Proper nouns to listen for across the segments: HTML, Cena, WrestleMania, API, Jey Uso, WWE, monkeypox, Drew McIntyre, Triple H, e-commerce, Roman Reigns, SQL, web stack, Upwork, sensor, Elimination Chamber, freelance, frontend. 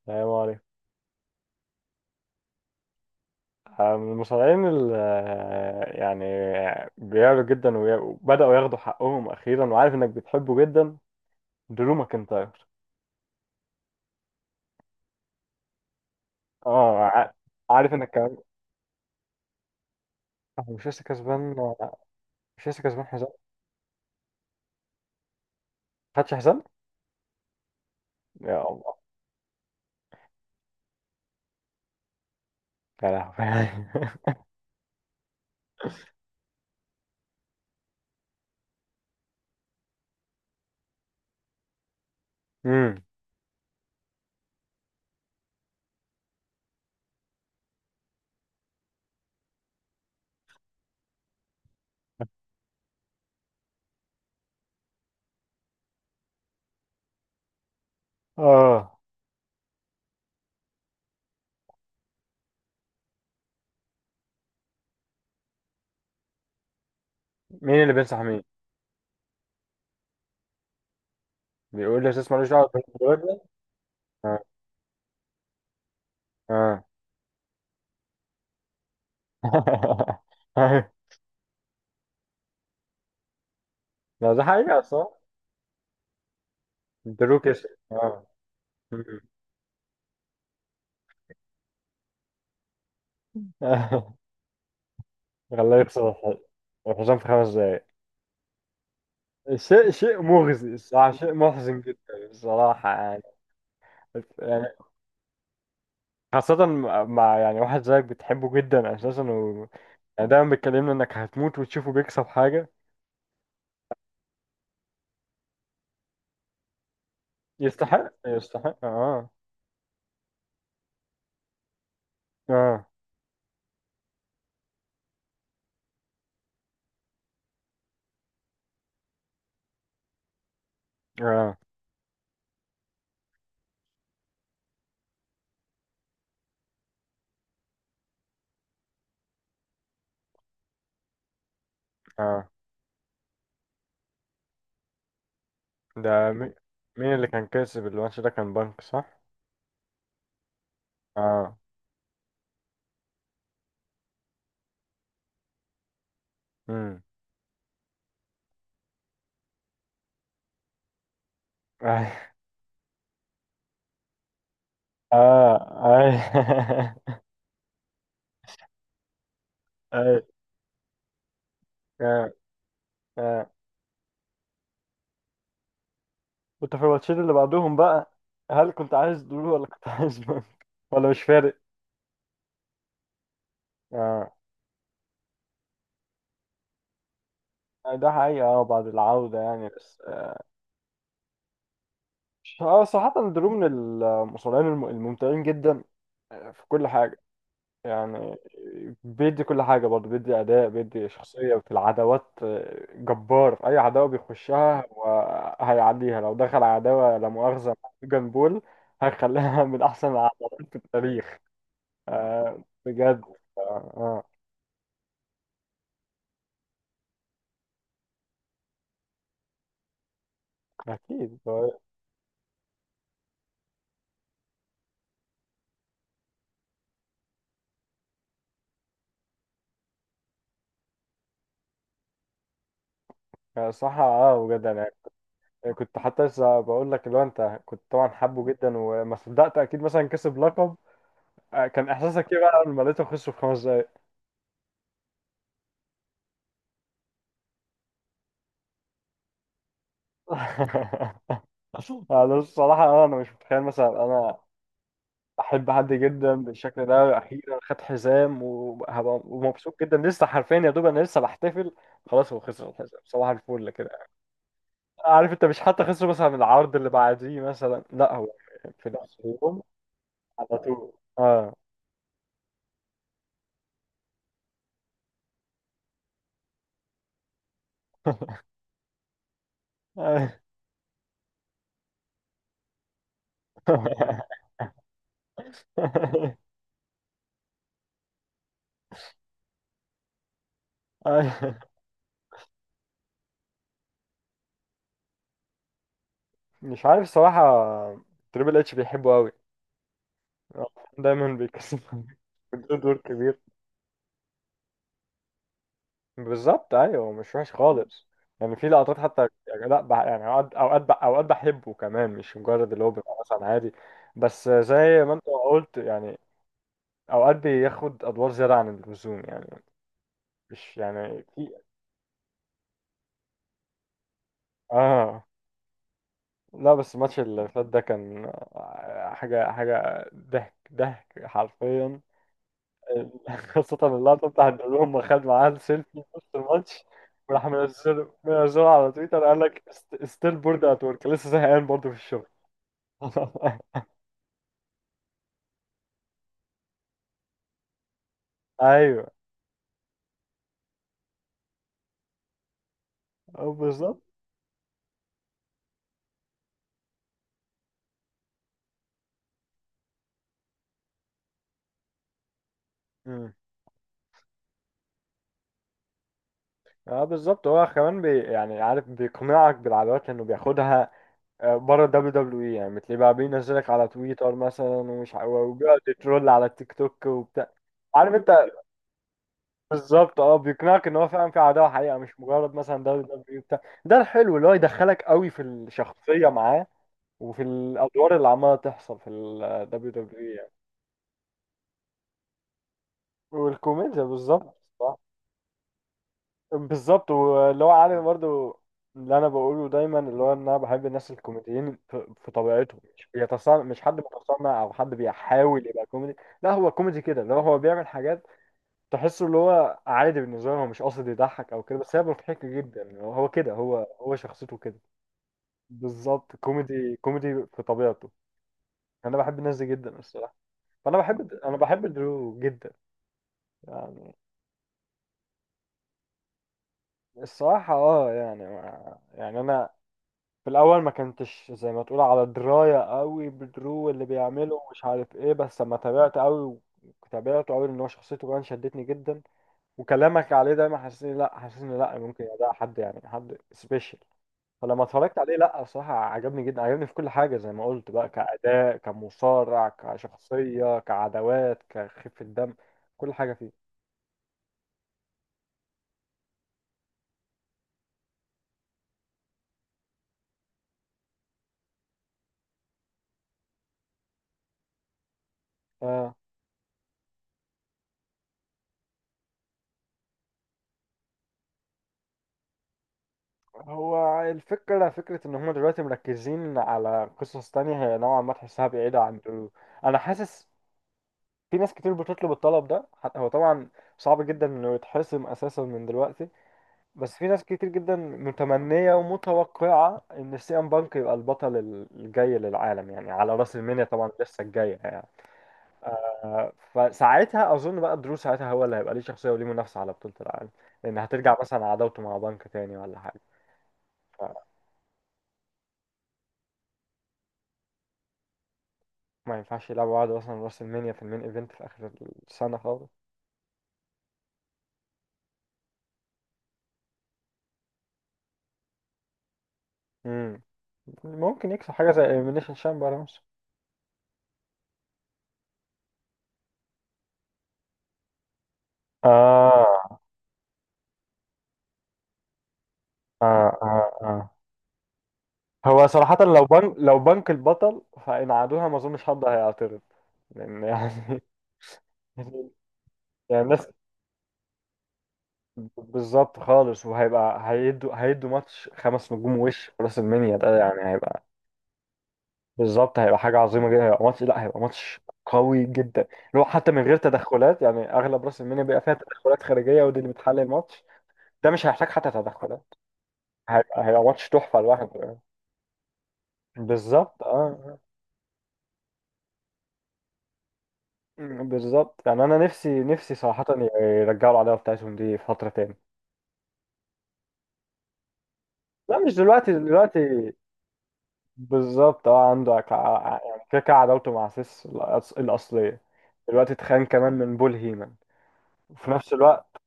السلام عليكم. من المصارعين اللي يعني بيعلوا جدا وبدأوا ياخدوا حقهم أخيرا، وعارف إنك بتحبه جدا، درو ماكنتاير. اه عارف إنك كمان مش لسه كسبان، مش لسه كسبان حزام، ما خدش حزام. يا الله، يا لهوي امم. اه. مين اللي بينصح مين؟ بيقول لي اساس مالوش دعوة بالراجل. اه، اه لا ده حقيقة، صح. درو كسب، اه مم. خلاه يخسر الحسام في خمس دقايق. شيء مغزي الصراحة، شيء محزن جدا الصراحة. يعني خاصة مع يعني واحد زيك بتحبه جدا أساسا، و يعني دايما بتكلمنا إنك هتموت وتشوفه بيكسب حاجة، يستحق يستحق آه، آه، آه. ده مين اللي كان كاسب الماتش ده، كان بنك صح؟ آه، امم. آه، آه آه، آه، آه. كنت في الماتشين اللي بعدهم بقى، هل كنت عايز دول ولا كنت عايز دول، ولا مش فارق؟ اه، ده حقيقة، اه، بعد العودة يعني، بس اه. صراحة درو من المصارعين الممتعين جدا، في كل حاجة يعني. بيدي كل حاجة، برضه بيدي أداء، بيدي شخصية في العداوات جبار. أي عداوة بيخشها وهيعديها، لو دخل عداوة لا مؤاخذة مع جان بول، هيخليها من أحسن العداوات في التاريخ. آه بجد، آه، آه، أكيد. صح، اه بجد يعني، كنت حتى لسه بقول لك اللي هو انت كنت طبعا حابه جدا، وما صدقت اكيد مثلا كسب لقب. كان احساسك ايه بقى لما لقيته خسر في خمس دقايق؟ انا الصراحه، انا مش متخيل مثلا انا احب حد جدا بالشكل ده، اخيرا خد حزام وهبقى ومبسوط جدا لسه، حرفيا يا دوب انا لسه بحتفل، خلاص هو خسر الحزام صباح الفل كده. عارف انت، مش حتى خسر مثلا من العرض اللي بعديه مثلا، لا هو في نفس اليوم، على طول، اه. أي- مش عارف الصراحة، تريبل اتش بيحبه قوي، دايما بيكسب بدون دور كبير. بالظبط، ايوه، مش وحش خالص يعني، في لقطات حتى، يعني لا يعني اوقات، اوقات اوقات بحبه كمان، مش مجرد اللي هو بيبقى مثلا عادي، بس زي ما انت قلت يعني، اوقات بياخد ادوار زيادة عن اللزوم يعني، مش يعني في اه. لا بس الماتش اللي فات ده كان حاجة حاجة ضحك ضحك حرفيا خاصة اللقطة بتاعت بيقول لهم خد معاه السيلفي في وسط الماتش، وراح منزله على تويتر، قال لك ستيل بورد ات ورك، لسه زهقان برضه في الشغل ايوه، أه بالظبط. مم. اه بالظبط، هو كمان يعني، عارف بيقنعك بالعادات لانه بياخدها بره الدبليو دبليو اي يعني، بتلاقيه بقى بينزلك على تويتر مثلا، وبيقعد يترول على التيك توك وبتاع. عارف انت، بالظبط اه، بيقنعك ان هو فعلا في عداوه حقيقه، مش مجرد مثلا دوري دبليو بتاع ده الحلو، اللي هو يدخلك قوي في الشخصيه معاه، وفي الادوار اللي عماله تحصل في الدبليو دبليو يعني. والكوميديا بالظبط صح، بالظبط، واللي هو عارف برضو اللي انا بقوله دايما، اللي هو ان انا بحب الناس الكوميديين في طبيعتهم، مش بيتصنع، مش حد متصنع او حد بيحاول يبقى كوميدي، لا هو كوميدي كده، اللي هو بيعمل حاجات تحسه اللي هو عادي بالنسبه له، هو مش قاصد يضحك او كده، بس هي مضحكه جدا، هو كده، هو شخصيته كده. بالظبط، كوميدي كوميدي في طبيعته، انا بحب الناس دي جدا الصراحه، فانا بحب درو جدا يعني. الصراحه اه يعني، ما يعني انا في الاول ما كنتش زي ما تقول على درايه قوي بدرو اللي بيعمله ومش عارف ايه، بس لما تابعته قوي ان هو شخصيته كمان شدتني جدا، وكلامك عليه دايما حسسني لا ممكن ده حد، يعني حد سبيشال، فلما اتفرجت عليه لا بصراحة عجبني جدا، عجبني في كل حاجة زي ما قلت بقى، كأداء، كمصارع، كشخصية، كعدوات، كخفة دم، كل حاجة فيه. آه. هو الفكرة فكرة إن هما دلوقتي مركزين على قصص تانية، هي نوعا ما تحسها بعيدة عن أنا حاسس في ناس كتير بتطلب الطلب ده، حتى هو طبعا صعب جدا إنه يتحسم أساسا من دلوقتي، بس في ناس كتير جدا متمنية ومتوقعة إن سيان بانك يبقى البطل الجاي للعالم يعني، على رأس المنيا طبعا، لسه الجاية يعني. فساعتها أظن بقى درو ساعتها هو اللي هيبقى ليه شخصية، وليه منافسة على بطولة العالم، لأن هترجع مثلا عداوته مع بانك تاني ولا حاجة، فما ينفعش يلعبوا بعض مثلا رأس المنيا في المين إيفنت في آخر السنة خالص. مم. ممكن يكسب حاجة زي إليمينيشن شامبر مثلا. آه، آه، آه، آه. هو صراحة لو بنك البطل، فإن عادوها ما أظنش حد هيعترض، لأن يعني يعني الناس، بالظبط خالص. وهيبقى هيدوا ماتش خمس نجوم وش في راس المنيا، ده يعني هيبقى، بالظبط، هيبقى حاجة عظيمة جدا، هيبقى ماتش، لا هيبقى ماتش قوي جدا، اللي هو حتى من غير تدخلات يعني، أغلب راس المنيا بيبقى فيها تدخلات خارجية ودي اللي بتحل الماتش، ده مش هيحتاج حتى تدخلات، هيبقى ماتش تحفة لوحده يعني. بالظبط اه. آه، بالظبط يعني انا نفسي نفسي صراحة يرجعوا العداوة بتاعتهم دي في فترة تاني. لا مش دلوقتي، دلوقتي بالظبط اه، عنده يعني كده كده عداوته مع سيس الأصلية، دلوقتي اتخان كمان من بول هيمن، وفي نفس الوقت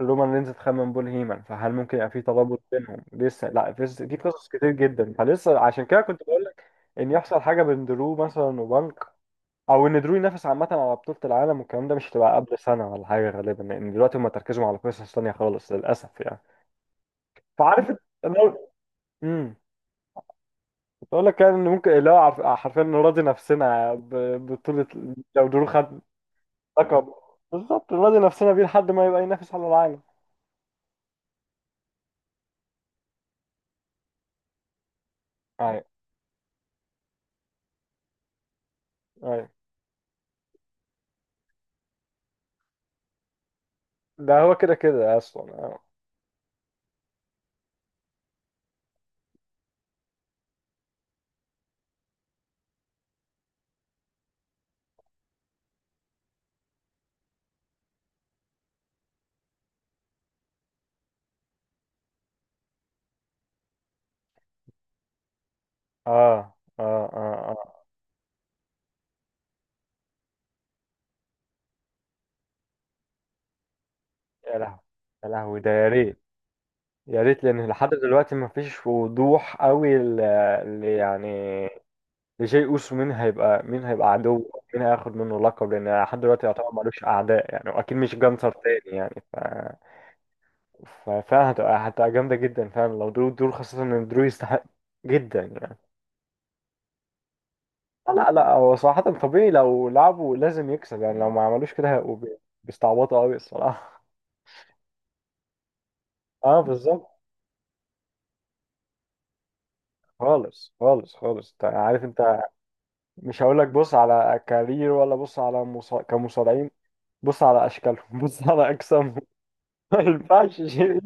رومان رينز اتخان من بول هيمن، فهل ممكن يبقى في ترابط بينهم لسه؟ لا في قصص كتير جدا، فلسه عشان كده كنت بقول لك ان يحصل حاجة بين درو مثلا وبنك، او ان درو ينافس عامة على بطولة العالم، والكلام ده مش هتبقى قبل سنة ولا حاجة غالبا، لان دلوقتي هم تركزوا على قصص تانية خالص للأسف يعني. فعارف، انا امم بقول لك يعني ان ممكن اللي هو حرفيا نراضي نفسنا بطولة، لو درو خد لقب، بالظبط نراضي نفسنا بيه لحد ما يبقى ينافس على العالم. ايوه، ايوه، ده هو كده كده اصلا اه. اه، اه، اه، آه. يا لهوي، يا لهوي، ده يا ريت، يا ريت، لان لحد دلوقتي ما فيش وضوح قوي يعني لجاي اوسو مين هيبقى مين هيبقى عدو، مين هياخد منه لقب، لان لحد دلوقتي يعتبر ملوش اعداء يعني، واكيد مش جانسر تاني يعني ف، ففعلا هتبقى، جامدة جدا فعلا لو درو، خاصة ان درو يستحق جدا يعني. لا لا هو صراحة طبيعي لو لعبوا لازم يكسب يعني، لو ما عملوش كده هيبقوا بيستعبطوا قوي الصراحة اه بالظبط، خالص خالص خالص، انت عارف انت، مش هقول لك بص على كارير، ولا بص على كمصارعين، بص على اشكالهم بص على اجسامهم ما ينفعش شيء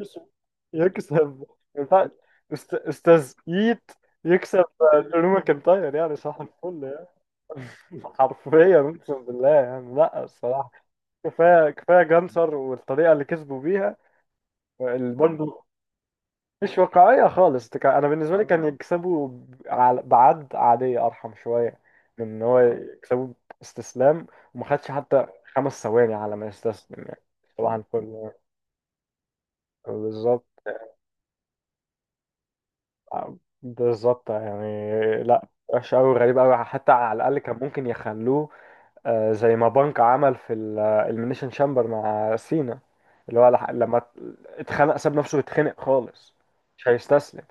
يكسب، ما ينفعش استاذ ايت يكسب درو ماكنتاير يعني، صح الفل يعني. حرفيا اقسم بالله يعني، لا الصراحه كفايه كفايه جانسر، والطريقه اللي كسبوا بيها برضه مش واقعيه خالص، انا بالنسبه لي كان يكسبوا بعد عاديه، ارحم شويه من ان هو يكسبوا استسلام، وما خدش حتى خمس ثواني على ما يستسلم يعني. صباح الفل، بالظبط. بالظبط يعني، لا وحش قوي، غريب قوي، حتى على الاقل كان ممكن يخلوه آه، زي ما بانك عمل في الاليمينيشن شامبر مع سينا، اللي هو لما اتخنق ساب نفسه يتخنق خالص، مش هيستسلم.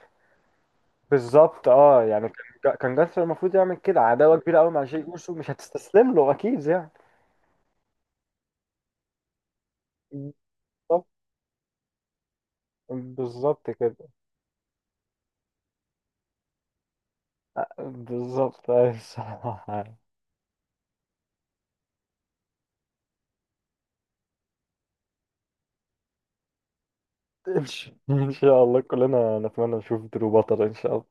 بالظبط اه، يعني كان كان جاستر المفروض يعمل كده عداوة كبيرة قوي مع جاي اوسو، مش هتستسلم له اكيد يعني. بالظبط، بالظبط كده. بالظبط أيوة، الصراحة إن شاء الله كلنا نتمنى نشوف درو بطل إن شاء الله.